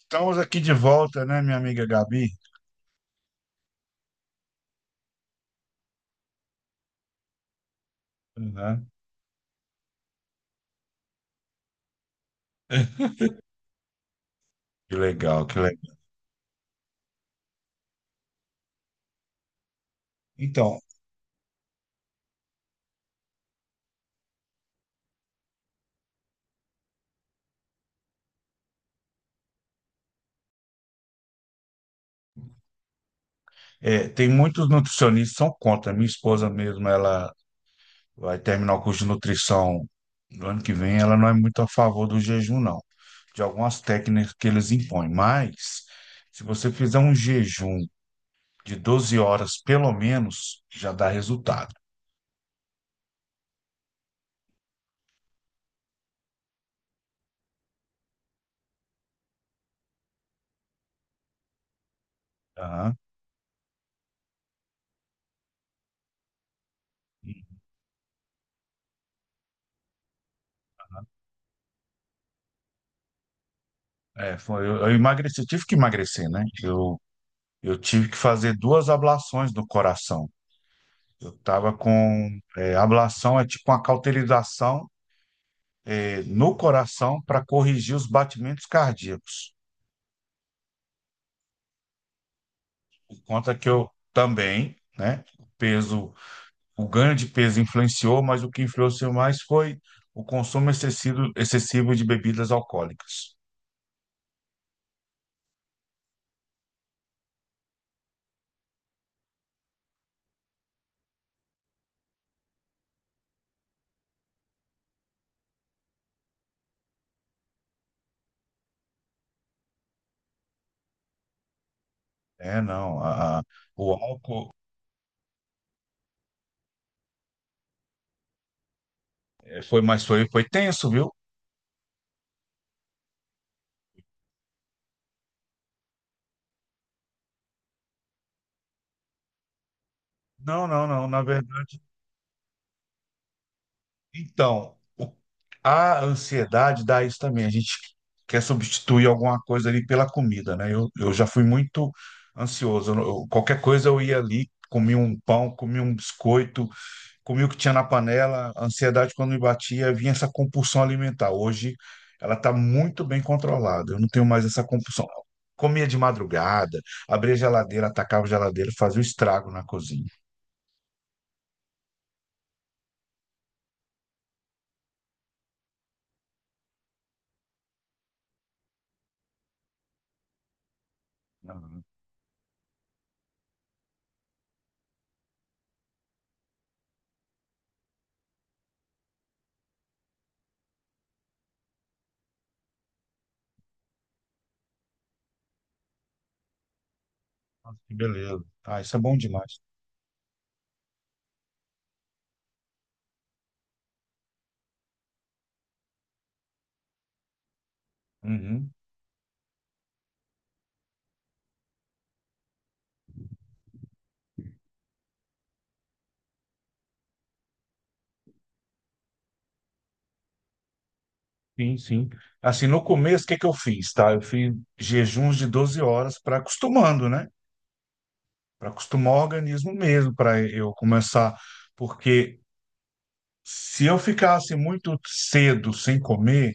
Estamos aqui de volta, né, minha amiga Gabi? Uhum. Que legal, que legal. Então, é, tem muitos nutricionistas que são contra. Minha esposa mesmo, ela vai terminar o curso de nutrição no ano que vem, ela não é muito a favor do jejum, não. De algumas técnicas que eles impõem. Mas, se você fizer um jejum de 12 horas, pelo menos, já dá resultado. Aham. É, foi, eu emagreci, tive que emagrecer, né? Eu tive que fazer 2 ablações do coração. Estava com ablação, é tipo uma cauterização no coração para corrigir os batimentos cardíacos. Por conta que eu também, né, peso, o ganho de peso influenciou, mas o que influenciou mais foi o consumo excessivo, excessivo de bebidas alcoólicas. É, não, o álcool foi mais foi tenso, viu? Não, não, não, na verdade. Então, o- a ansiedade dá isso também. A gente quer substituir alguma coisa ali pela comida, né? Eu já fui muito ansioso. Qualquer coisa eu ia ali, comia um pão, comia um biscoito, comia o que tinha na panela. A ansiedade, quando me batia, vinha essa compulsão alimentar. Hoje ela está muito bem controlada. Eu não tenho mais essa compulsão. Comia de madrugada, abria a geladeira, atacava a geladeira, fazia o estrago na cozinha. Ah, que beleza. Ah, isso é bom demais. Uhum. Sim, sim. Assim, no começo, o que que eu fiz, tá? Eu fiz jejuns de 12 horas para acostumando, né? Para acostumar o organismo mesmo, para eu começar. Porque se eu ficasse muito cedo sem comer,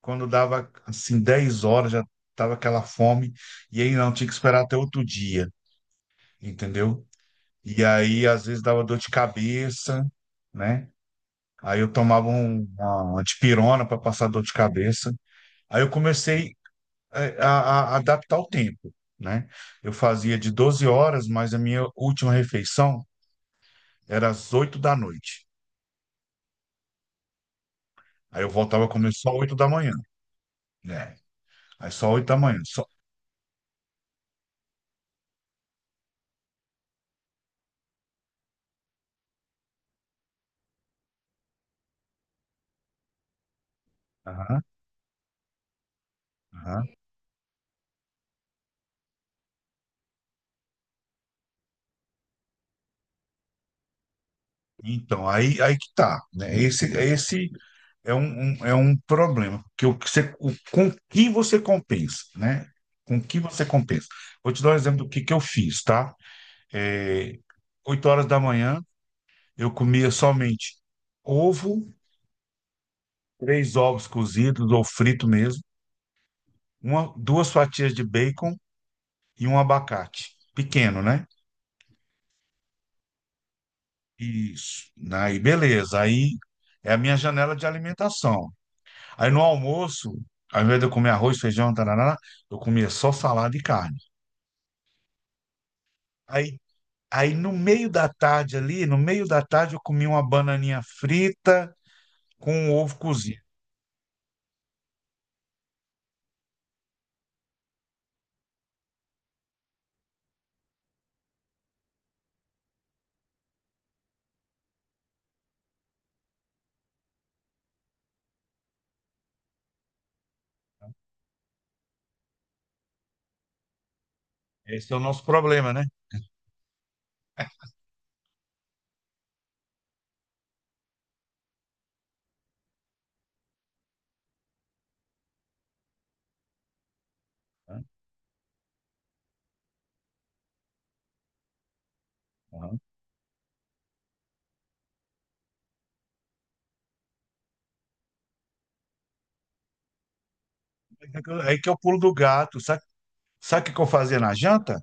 quando dava, assim, 10 horas, já tava aquela fome, e aí não, tinha que esperar até outro dia, entendeu? E aí, às vezes, dava dor de cabeça, né? Aí eu tomava uma dipirona para passar dor de cabeça. Aí eu comecei é, a- adaptar o tempo, né? Eu fazia de 12 horas, mas a minha última refeição era às 8 da noite. Aí eu voltava a comer só 8 da manhã, né? Aí só 8 da manhã, só. Aham, aham. Então, aí que tá, né? Esse é é um problema, que o que você, o, com que você compensa, né? Com que você compensa. Vou te dar um exemplo que eu fiz, tá? É, 8 horas da manhã, eu comia somente ovo 3 ovos cozidos ou frito mesmo, 2 fatias de bacon e um abacate. Pequeno, né? Isso. Aí, beleza. Aí é a minha janela de alimentação. Aí no almoço, ao invés de eu comer arroz, feijão, tarará, eu comia só salada e carne. Aí, aí no meio da tarde ali, no meio da tarde, eu comia uma bananinha frita com um ovo cozido. Esse é o nosso problema, né? Aham. Aí que eu pulo do gato. Sabe, sabe o que que eu fazia na janta?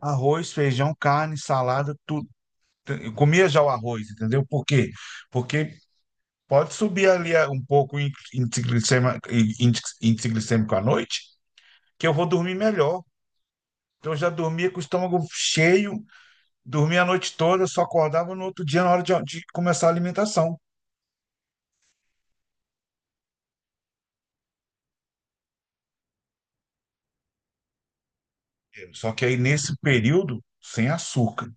Arroz, feijão, carne, salada, tudo. Eu comia já o arroz, entendeu? Por quê? Porque pode subir ali um pouco o índice glicêmico à noite, que eu vou dormir melhor. Então eu já dormia com o estômago cheio, dormia a noite toda, eu só acordava no outro dia na hora de começar a alimentação. Só que aí nesse período, sem açúcar,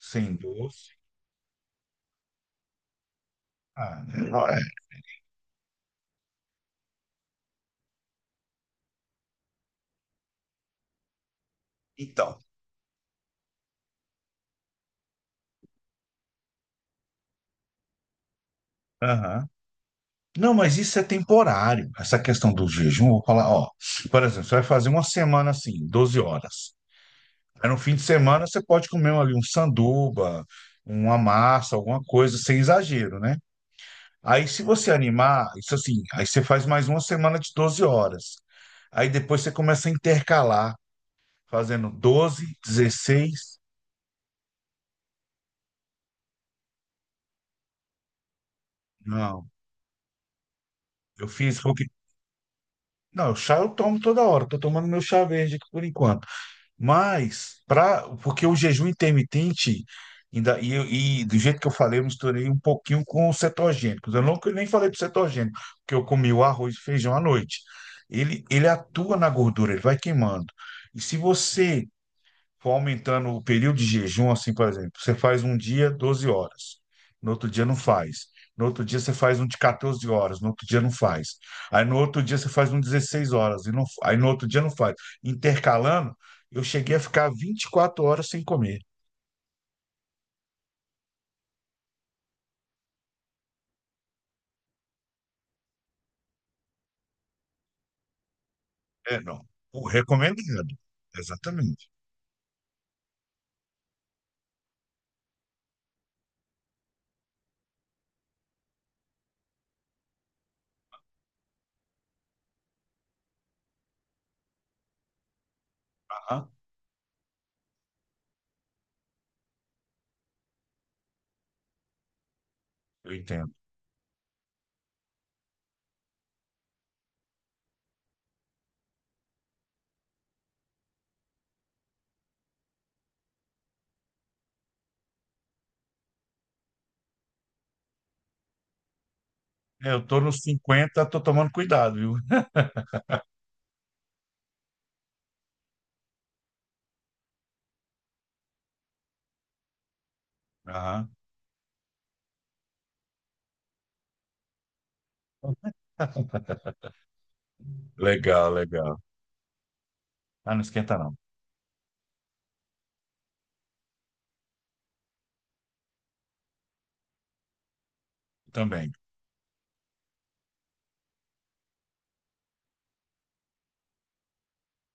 sem doce. Ah, não é. Então. Aham. Não, mas isso é temporário. Essa questão do jejum, eu vou falar, ó, por exemplo, você vai fazer uma semana assim, 12 horas. Aí no fim de semana você pode comer ali um sanduba, uma massa, alguma coisa, sem exagero, né? Aí se você animar, isso assim, aí você faz mais uma semana de 12 horas. Aí depois você começa a intercalar, fazendo 12, 16. Não, eu fiz porque. Não, o chá eu tomo toda hora, tô tomando meu chá verde aqui por enquanto. Mas, pra, porque o jejum intermitente, ainda, e do jeito que eu falei, eu misturei um pouquinho com os cetogênicos. Eu nunca nem falei do cetogênico, porque eu comi o arroz e feijão à noite. Ele atua na gordura, ele vai queimando. E se você for aumentando o período de jejum, assim, por exemplo, você faz um dia 12 horas, no outro dia não faz. No outro dia você faz um de 14 horas, no outro dia não faz. Aí no outro dia você faz um de 16 horas, aí no outro dia não faz. Intercalando, eu cheguei a ficar 24 horas sem comer. É, não. O recomendado. Exatamente. Aham, eu entendo. É, eu tô nos 50, tô tomando cuidado, viu? Aham. Legal, legal. Ah, não esquenta não. Também.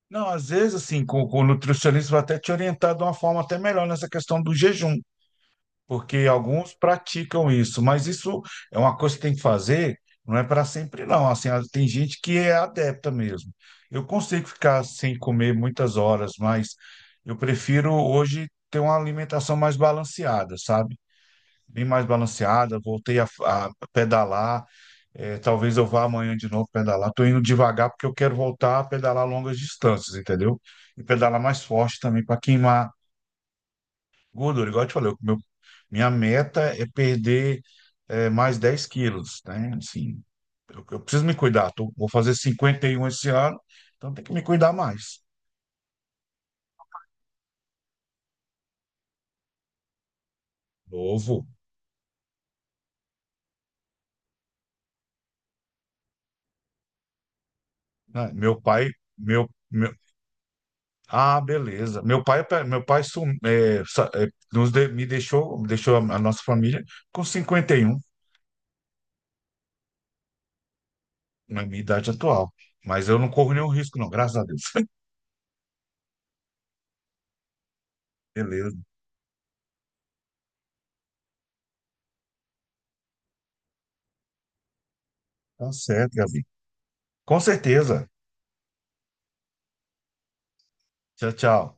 Não, às vezes, assim, com o nutricionista vai até te orientar de uma forma até melhor nessa questão do jejum, porque alguns praticam isso, mas isso é uma coisa que tem que fazer, não é para sempre, não. Assim, tem gente que é adepta mesmo. Eu consigo ficar sem comer muitas horas, mas eu prefiro hoje ter uma alimentação mais balanceada, sabe? Bem mais balanceada, voltei a pedalar. É, talvez eu vá amanhã de novo pedalar. Estou indo devagar porque eu quero voltar a pedalar longas distâncias, entendeu? E pedalar mais forte também para queimar gordura. Igual eu te falei, minha meta é perder mais 10 quilos, né? Assim, eu preciso me cuidar. Vou fazer 51 esse ano, então tem que me cuidar mais. Novo, né? Meu pai, meu Ah, beleza. Meu pai sum, é, sa- é, nos de- me deixou, deixou a nossa família com 51 na minha idade atual. Mas eu não corro nenhum risco, não, graças a Deus. Beleza. Tá certo, Gabi. Com certeza. Tchau, tchau.